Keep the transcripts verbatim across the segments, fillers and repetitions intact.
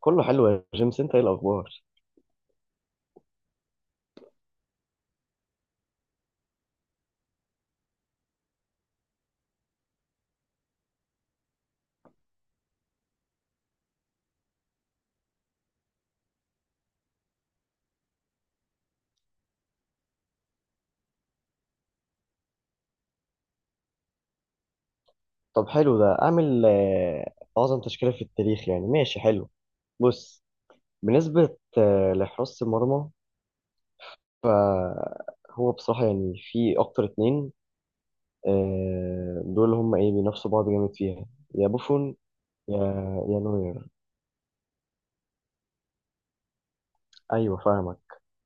كله حلو يا جيمس، انت ايه الاخبار؟ طب حلو، ده اعمل آه، اعظم تشكيله في التاريخ، يعني ماشي حلو. بص، بالنسبه آه، لحراسه المرمى، فهو بصراحه يعني في اكتر اتنين. آه، دول هم ايه، بينافسوا بعض جامد فيها. يا بوفون، يا يا نوير. ايوه، فاهمك.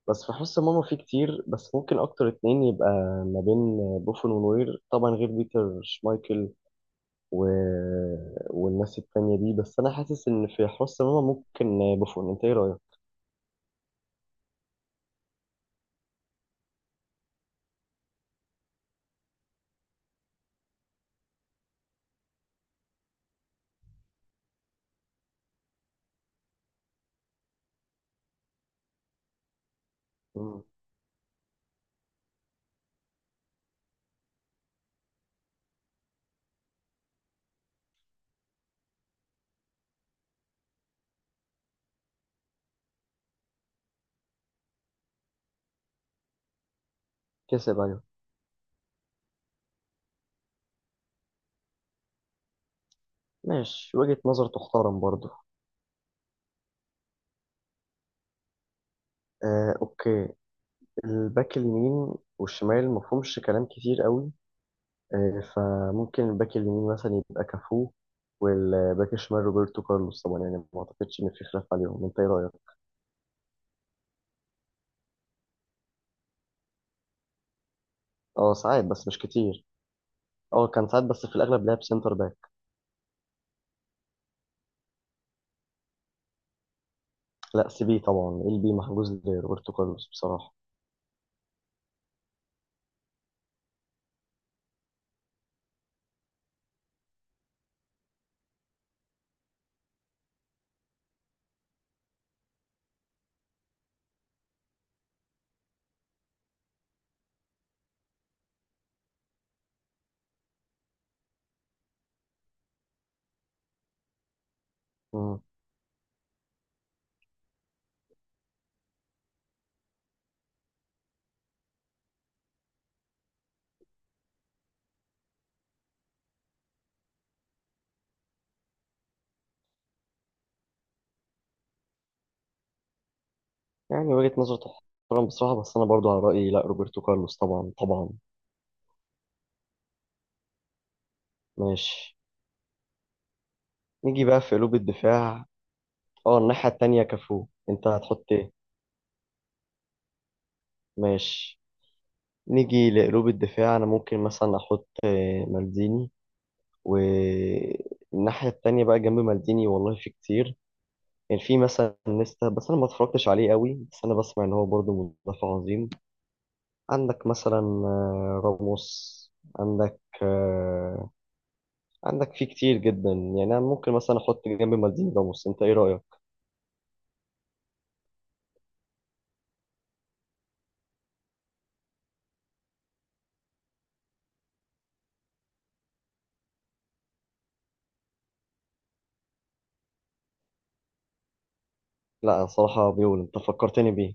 بس في حس ماما في كتير، بس ممكن اكتر اتنين يبقى ما بين بوفون ونوير، طبعا غير بيتر شمايكل و... والناس التانية دي. بس انا حاسس ان في حس ماما ممكن بوفون، انت ايه رايك؟ مم. كسب، ايوه. ماشي، وجهة نظر تحترم برضه. آه، اوكي. الباك اليمين والشمال مفهومش كلام كتير قوي. آه، فممكن الباك اليمين مثلا يبقى كافو، والباك الشمال روبرتو كارلوس طبعا، يعني ما اعتقدش ان في خلاف عليهم، انت ايه رايك؟ اه ساعات، بس مش كتير. اه كان ساعات، بس في الاغلب لعب سنتر باك. لا سي بي طبعا، ال بي محجوز لروبرتو كارلوس بصراحه. مم. يعني وجهه نظر تحترم بصراحه، بس انا برضو على رايي، لا روبرتو كارلوس طبعا طبعا. ماشي، نيجي بقى في قلوب الدفاع. اه، الناحيه التانيه كافو، انت هتحط ايه؟ ماشي، نيجي لقلوب الدفاع. انا ممكن مثلا احط آه، مالديني، والناحيه التانيه بقى جنب مالديني والله في كتير. كان يعني في مثلا نيستا، بس انا ما اتفرجتش عليه قوي، بس انا بسمع ان هو برضه مدافع عظيم. عندك مثلا آه، راموس، عندك آه، عندك في كتير جدا. يعني أنا ممكن مثلا أحط جنب مالديني راموس، أنت إيه رأيك؟ لا صراحة بيول، أنت فكرتني بيه.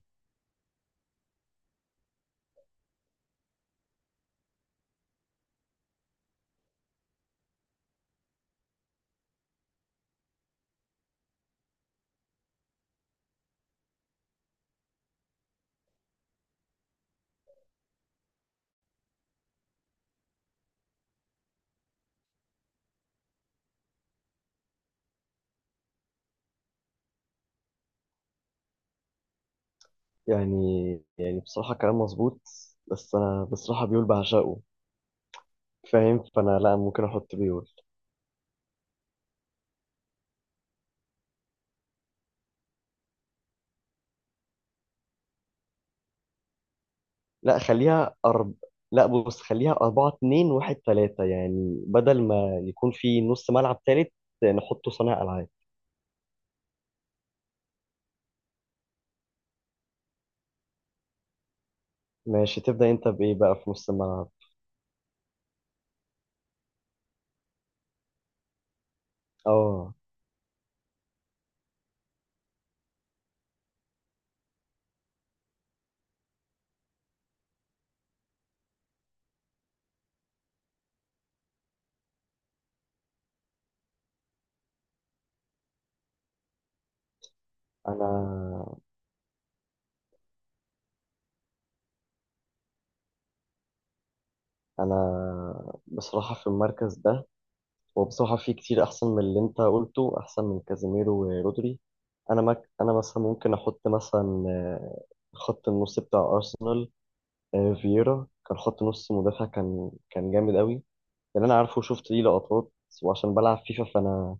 يعني يعني بصراحة كلام مظبوط، بس أنا بصراحة بيول بعشقه، فاهم؟ فأنا لا، ممكن أحط بيول. لا خليها أرب لا، بص، خليها أربعة اتنين واحد تلاتة، يعني بدل ما يكون في نص ملعب تالت نحطه صانع ألعاب. ماشي، تبدأ أنت بإيه بقى في نص الملعب؟ اه. انا انا بصراحه في المركز ده، وبصراحه في كتير احسن من اللي انت قلته، احسن من كازيميرو ورودري. انا مك... انا مثلا ممكن احط مثلا، آه، خط النص بتاع ارسنال. آه، فييرا كان خط نص مدافع، كان كان جامد قوي، لان انا عارفه وشفت ليه لقطات، وعشان بلعب فيفا فانا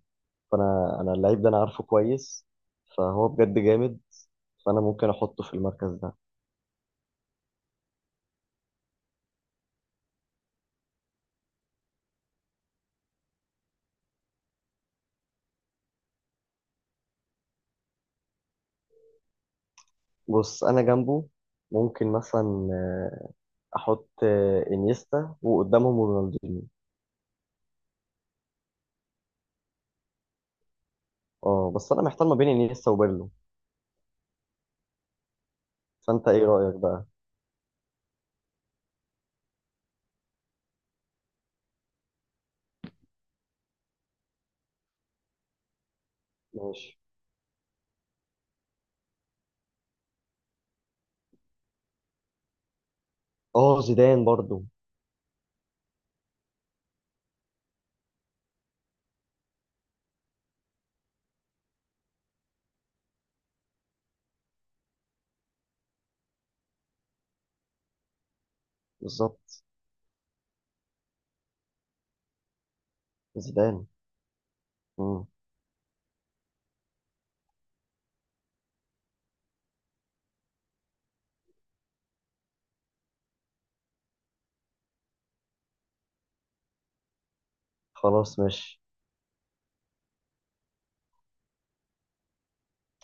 فانا انا اللعيب ده انا عارفه كويس، فهو بجد جامد. فانا ممكن احطه في المركز ده. بص، انا جنبه ممكن مثلا آه، احط آه، انيستا، وقدامهم رونالدينيو. اه، بس انا محتار ما بين انيستا وبيرلو، فانت ايه رايك بقى؟ ماشي. اه زيدان برضو، بالظبط زيدان. مم. خلاص ماشي،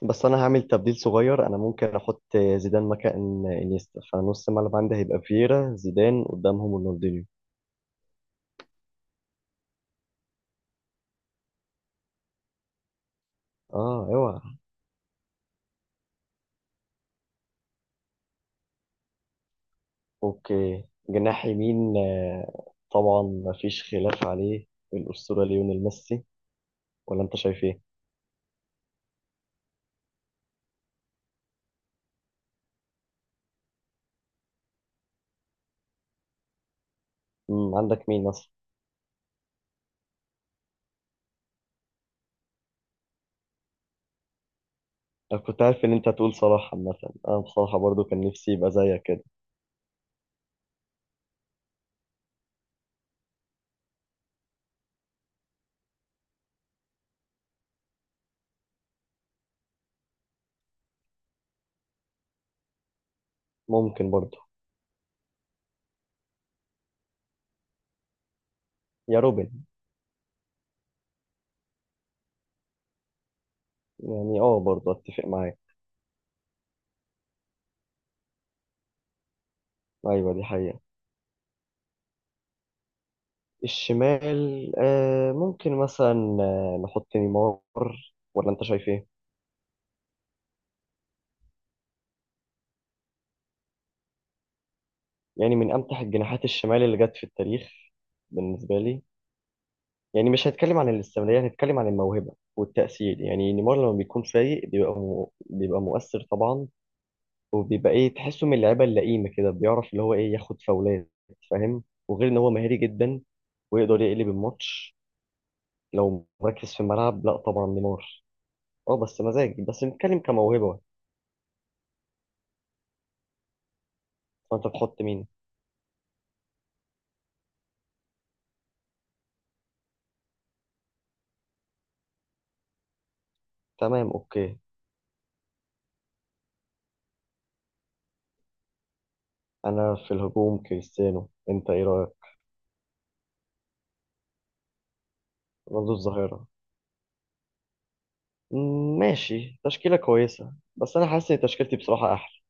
بس انا هعمل تبديل صغير. انا ممكن احط زيدان مكان انيستا، فنص الملعب عندي هيبقى فييرا زيدان، قدامهم رونالدينيو. اه، اوعى. اوكي، جناح يمين آه، طبعا مفيش خلاف عليه، الاسطوره ليونيل ميسي، ولا انت شايف ايه؟ مم، عندك مين مثلا؟ انا كنت عارف ان انت هتقول صلاح. عامة انا بصراحة برضو كان نفسي يبقى زيك كده. ممكن برضو. يا روبن، يعني اه برضو اتفق معاك. ايوه دي حقيقة. الشمال آه، ممكن مثلا آه نحط نيمار، ولا انت شايف ايه؟ يعني من امتح الجناحات الشمال اللي جت في التاريخ بالنسبة لي. يعني مش هنتكلم عن الاستمرارية، هنتكلم عن الموهبة والتأثير. يعني نيمار لما بيكون فايق بيبقى مو... بيبقى مؤثر طبعا، وبيبقى ايه، تحسه من اللعيبه اللئيمه كده، بيعرف اللي هو ايه، ياخد فاولات، فاهم؟ وغير ان هو مهاري جدا ويقدر يقلب الماتش. لو مركز في الملعب، لا طبعا نيمار. اه بس مزاج، بس نتكلم كموهبه. فانت تحط مين؟ تمام اوكي. انا في الهجوم كريستيانو، انت ايه رايك؟ رونالدو الظاهره. مم، ماشي، تشكيله كويسه، بس انا حاسس ان تشكيلتي بصراحه احلى.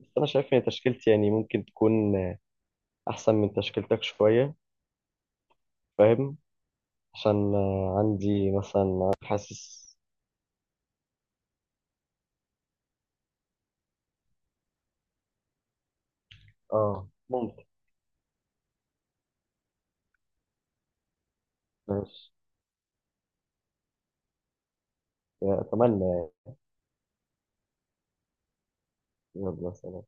بس انا شايف ان تشكيلتي يعني ممكن تكون احسن من تشكيلتك شويه. فاهم؟ عشان آه، عندي مثلا حاسس. اه ممكن. ماشي، اتمنى يعني. يلا سلام.